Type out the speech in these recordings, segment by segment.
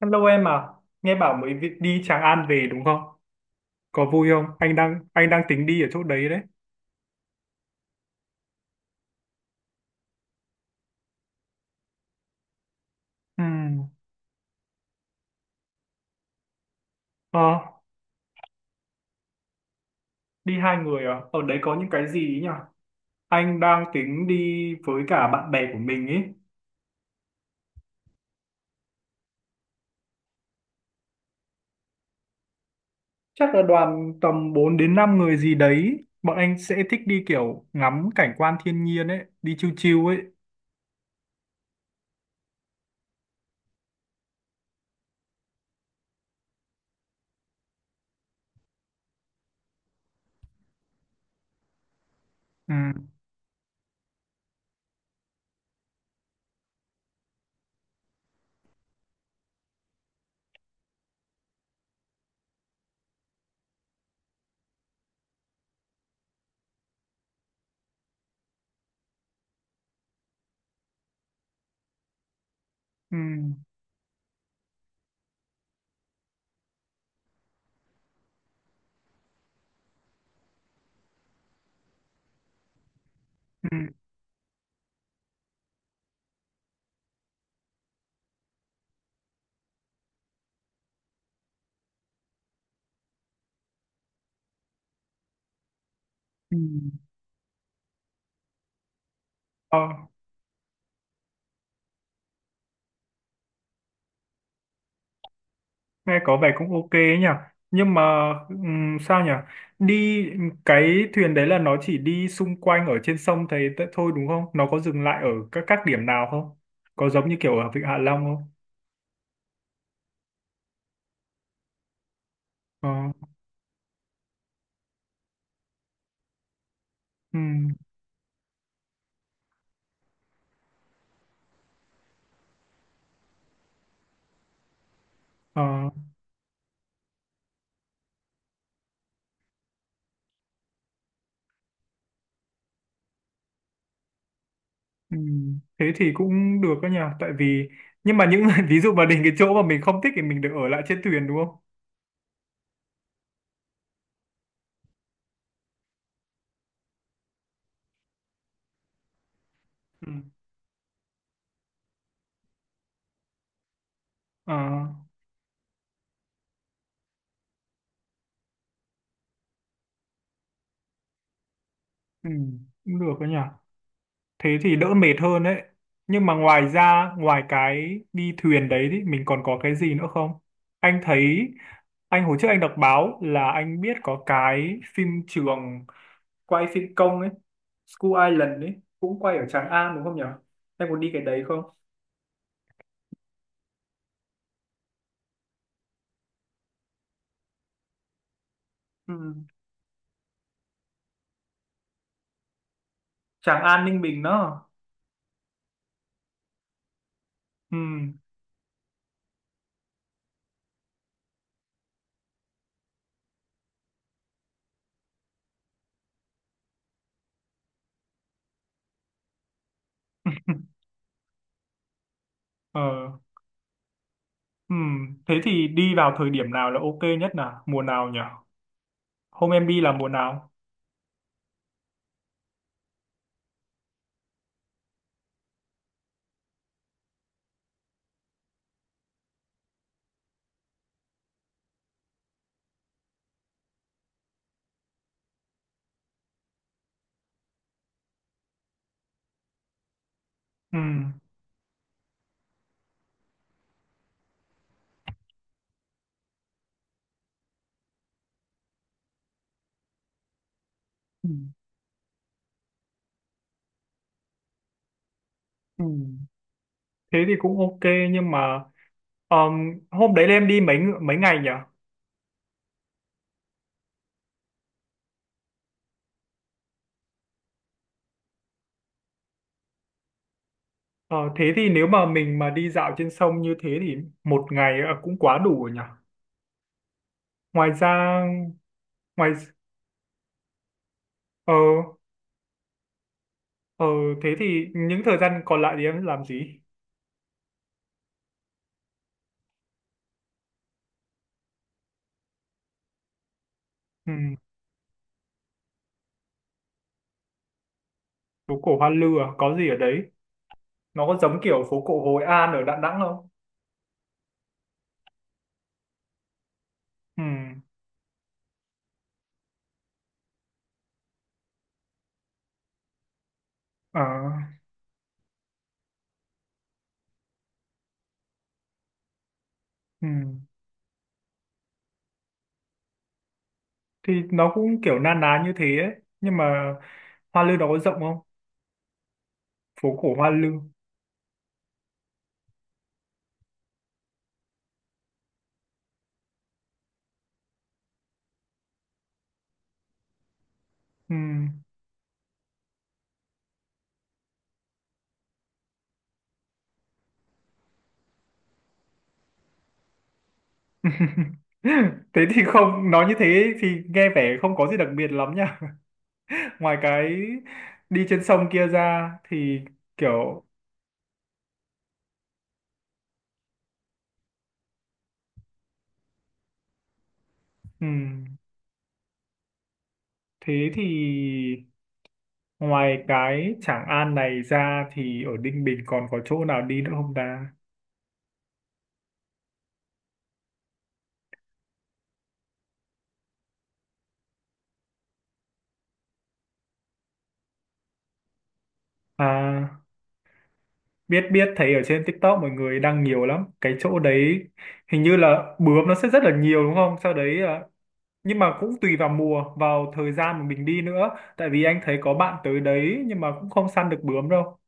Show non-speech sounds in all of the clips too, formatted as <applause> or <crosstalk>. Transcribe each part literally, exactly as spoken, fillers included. Hello em à, nghe bảo mới vi- đi Tràng An về đúng không? Có vui không? Anh đang anh đang tính đi ở chỗ đấy đấy. Ừm, Ờ, đi hai người à? Ở đấy có những cái gì ấy nhỉ? Anh đang tính đi với cả bạn bè của mình ấy. Chắc là đoàn tầm bốn đến năm người gì đấy. Bọn anh sẽ thích đi kiểu ngắm cảnh quan thiên nhiên ấy, đi chill chill ấy. Ừm, ừm, ừm, ừm. Ờ. Nghe có vẻ cũng ok ấy nhỉ, nhưng mà ừm, sao nhỉ, đi cái thuyền đấy là nó chỉ đi xung quanh ở trên sông thấy t- thôi đúng không, nó có dừng lại ở các các điểm nào không, có giống như kiểu ở Vịnh Hạ Long không? ờ, ừm, ờ, ừm. Thế thì cũng được đó nhỉ, tại vì nhưng mà những <laughs> ví dụ mà đến cái chỗ mà mình không thích thì mình được ở lại trên thuyền đúng không? Ừ. ờ, ừm, Cũng được đó nhỉ, thế thì đỡ mệt hơn đấy. Nhưng mà ngoài ra, ngoài cái đi thuyền đấy thì mình còn có cái gì nữa không? Anh thấy, anh hồi trước anh đọc báo là anh biết có cái phim trường quay phim công ấy, School Island ấy, cũng quay ở Tràng An đúng không nhỉ? Em muốn đi cái đấy không? Ừ. Tràng An Ninh Bình đó. Ừ. Ờ. Ừ. Thế thì đi vào thời điểm nào là ok nhất nào, mùa nào nhỉ? Hôm em đi là mùa nào? Ừ. Ừ. Ừ. Thế thì cũng ok, nhưng mà ờm, hôm đấy là em đi mấy ng- mấy ngày nhỉ? Ờ, thế thì nếu mà mình mà đi dạo trên sông như thế thì một ngày ờ, cũng quá đủ rồi nhỉ? Ngoài ra, ngoài ờ ờ thế thì những thời gian còn lại thì em làm gì? Ừ, phố cổ Hoa Lư à? Có gì ở đấy? Nó có giống kiểu phố cổ Hội An ở Đà Nẵng không? Ừ. ờ, ừ. Thì nó cũng kiểu na ná như thế ấy. Nhưng mà Hoa Lư nó có rộng không? Phố cổ Hoa Lư. Ừ. <laughs> Thế thì không, nói như thế thì nghe vẻ không có gì đặc biệt lắm nha. <laughs> Ngoài cái đi trên sông kia ra thì kiểu ừm, thế thì ngoài cái Tràng An này ra thì ở Ninh Bình còn có chỗ nào đi nữa không ta? À, biết biết, thấy ở trên TikTok mọi người đăng nhiều lắm cái chỗ đấy, hình như là bướm nó sẽ rất là nhiều đúng không? Sau đấy ờ, nhưng mà cũng tùy vào mùa, vào thời gian mà mình đi nữa, tại vì anh thấy có bạn tới đấy nhưng mà cũng không săn được bướm đâu.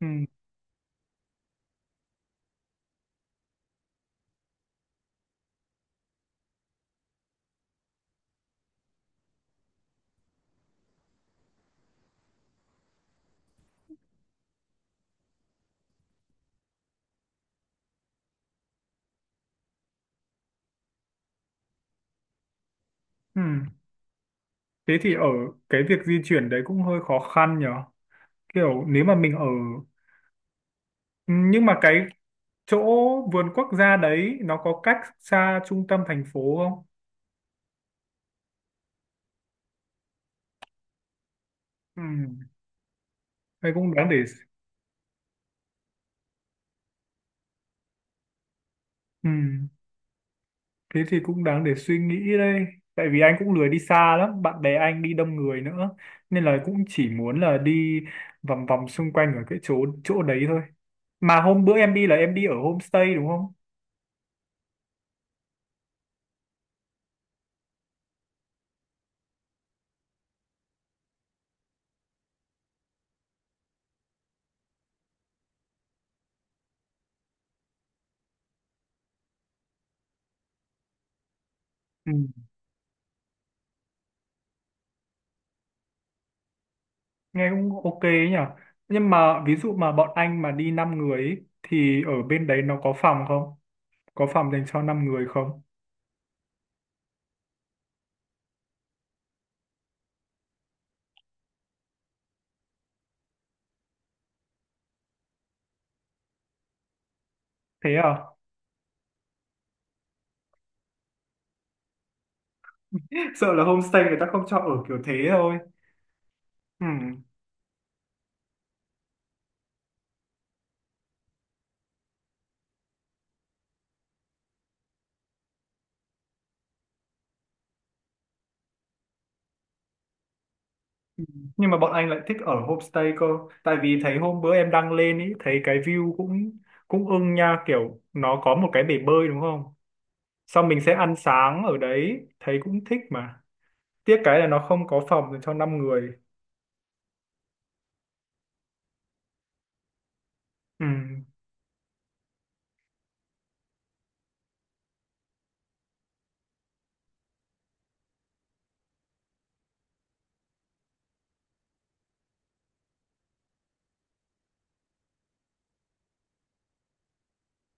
Ừ. Ừ. Thế thì ở cái việc di chuyển đấy cũng hơi khó khăn nhở, kiểu nếu mà mình ở, ừ, nhưng mà cái chỗ vườn quốc gia đấy nó có cách xa trung tâm thành phố không? Ừ. Đây cũng đáng để, ừ. Thế thì cũng đáng để suy nghĩ đây. Tại vì anh cũng lười đi xa lắm, bạn bè anh đi đông người nữa. Nên là cũng chỉ muốn là đi vòng vòng xung quanh ở cái chỗ chỗ đấy thôi. Mà hôm bữa em đi là em đi ở homestay đúng không? Ừ, nghe cũng ok ấy nhỉ. Nhưng mà ví dụ mà bọn anh mà đi năm người ấy, thì ở bên đấy nó có phòng không? Có phòng dành cho năm người không? Thế à? <laughs> Sợ là homestay người ta không cho ở kiểu thế thôi. Ừ. Nhưng mà bọn anh lại thích ở homestay cơ, tại vì thấy hôm bữa em đăng lên ý thấy cái view cũng cũng ưng nha, kiểu nó có một cái bể bơi đúng không, xong mình sẽ ăn sáng ở đấy thấy cũng thích mà. Tiếc cái là nó không có phòng dành cho năm người. ừ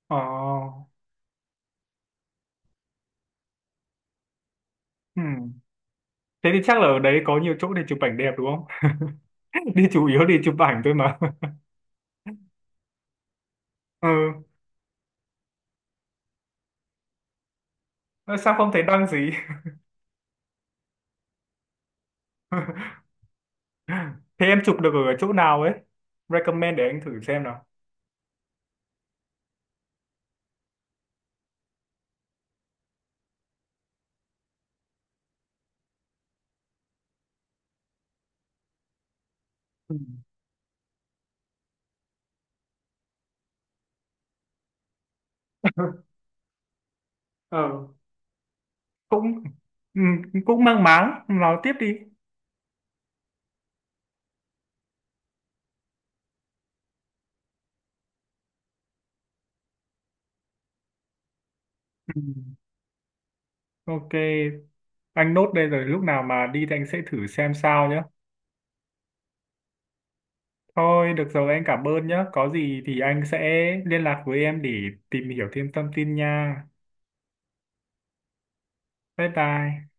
ờ ừ Thế thì chắc là ở đấy có nhiều chỗ để chụp ảnh đẹp đúng không? <laughs> Đi chủ yếu đi chụp ảnh thôi mà. <laughs> Ừ, sao không thấy đăng gì? <laughs> Thế em chụp được ở chỗ nào ấy, recommend để anh thử xem nào. Ừ. <laughs> ờ cũng Ừ, cũng mang máng, nói tiếp đi. Ừ. Ok anh nốt đây, rồi lúc nào mà đi thì anh sẽ thử xem sao nhé. Thôi được rồi, anh cảm ơn nhé, có gì thì anh sẽ liên lạc với em để tìm hiểu thêm thông tin nha. Bye bye.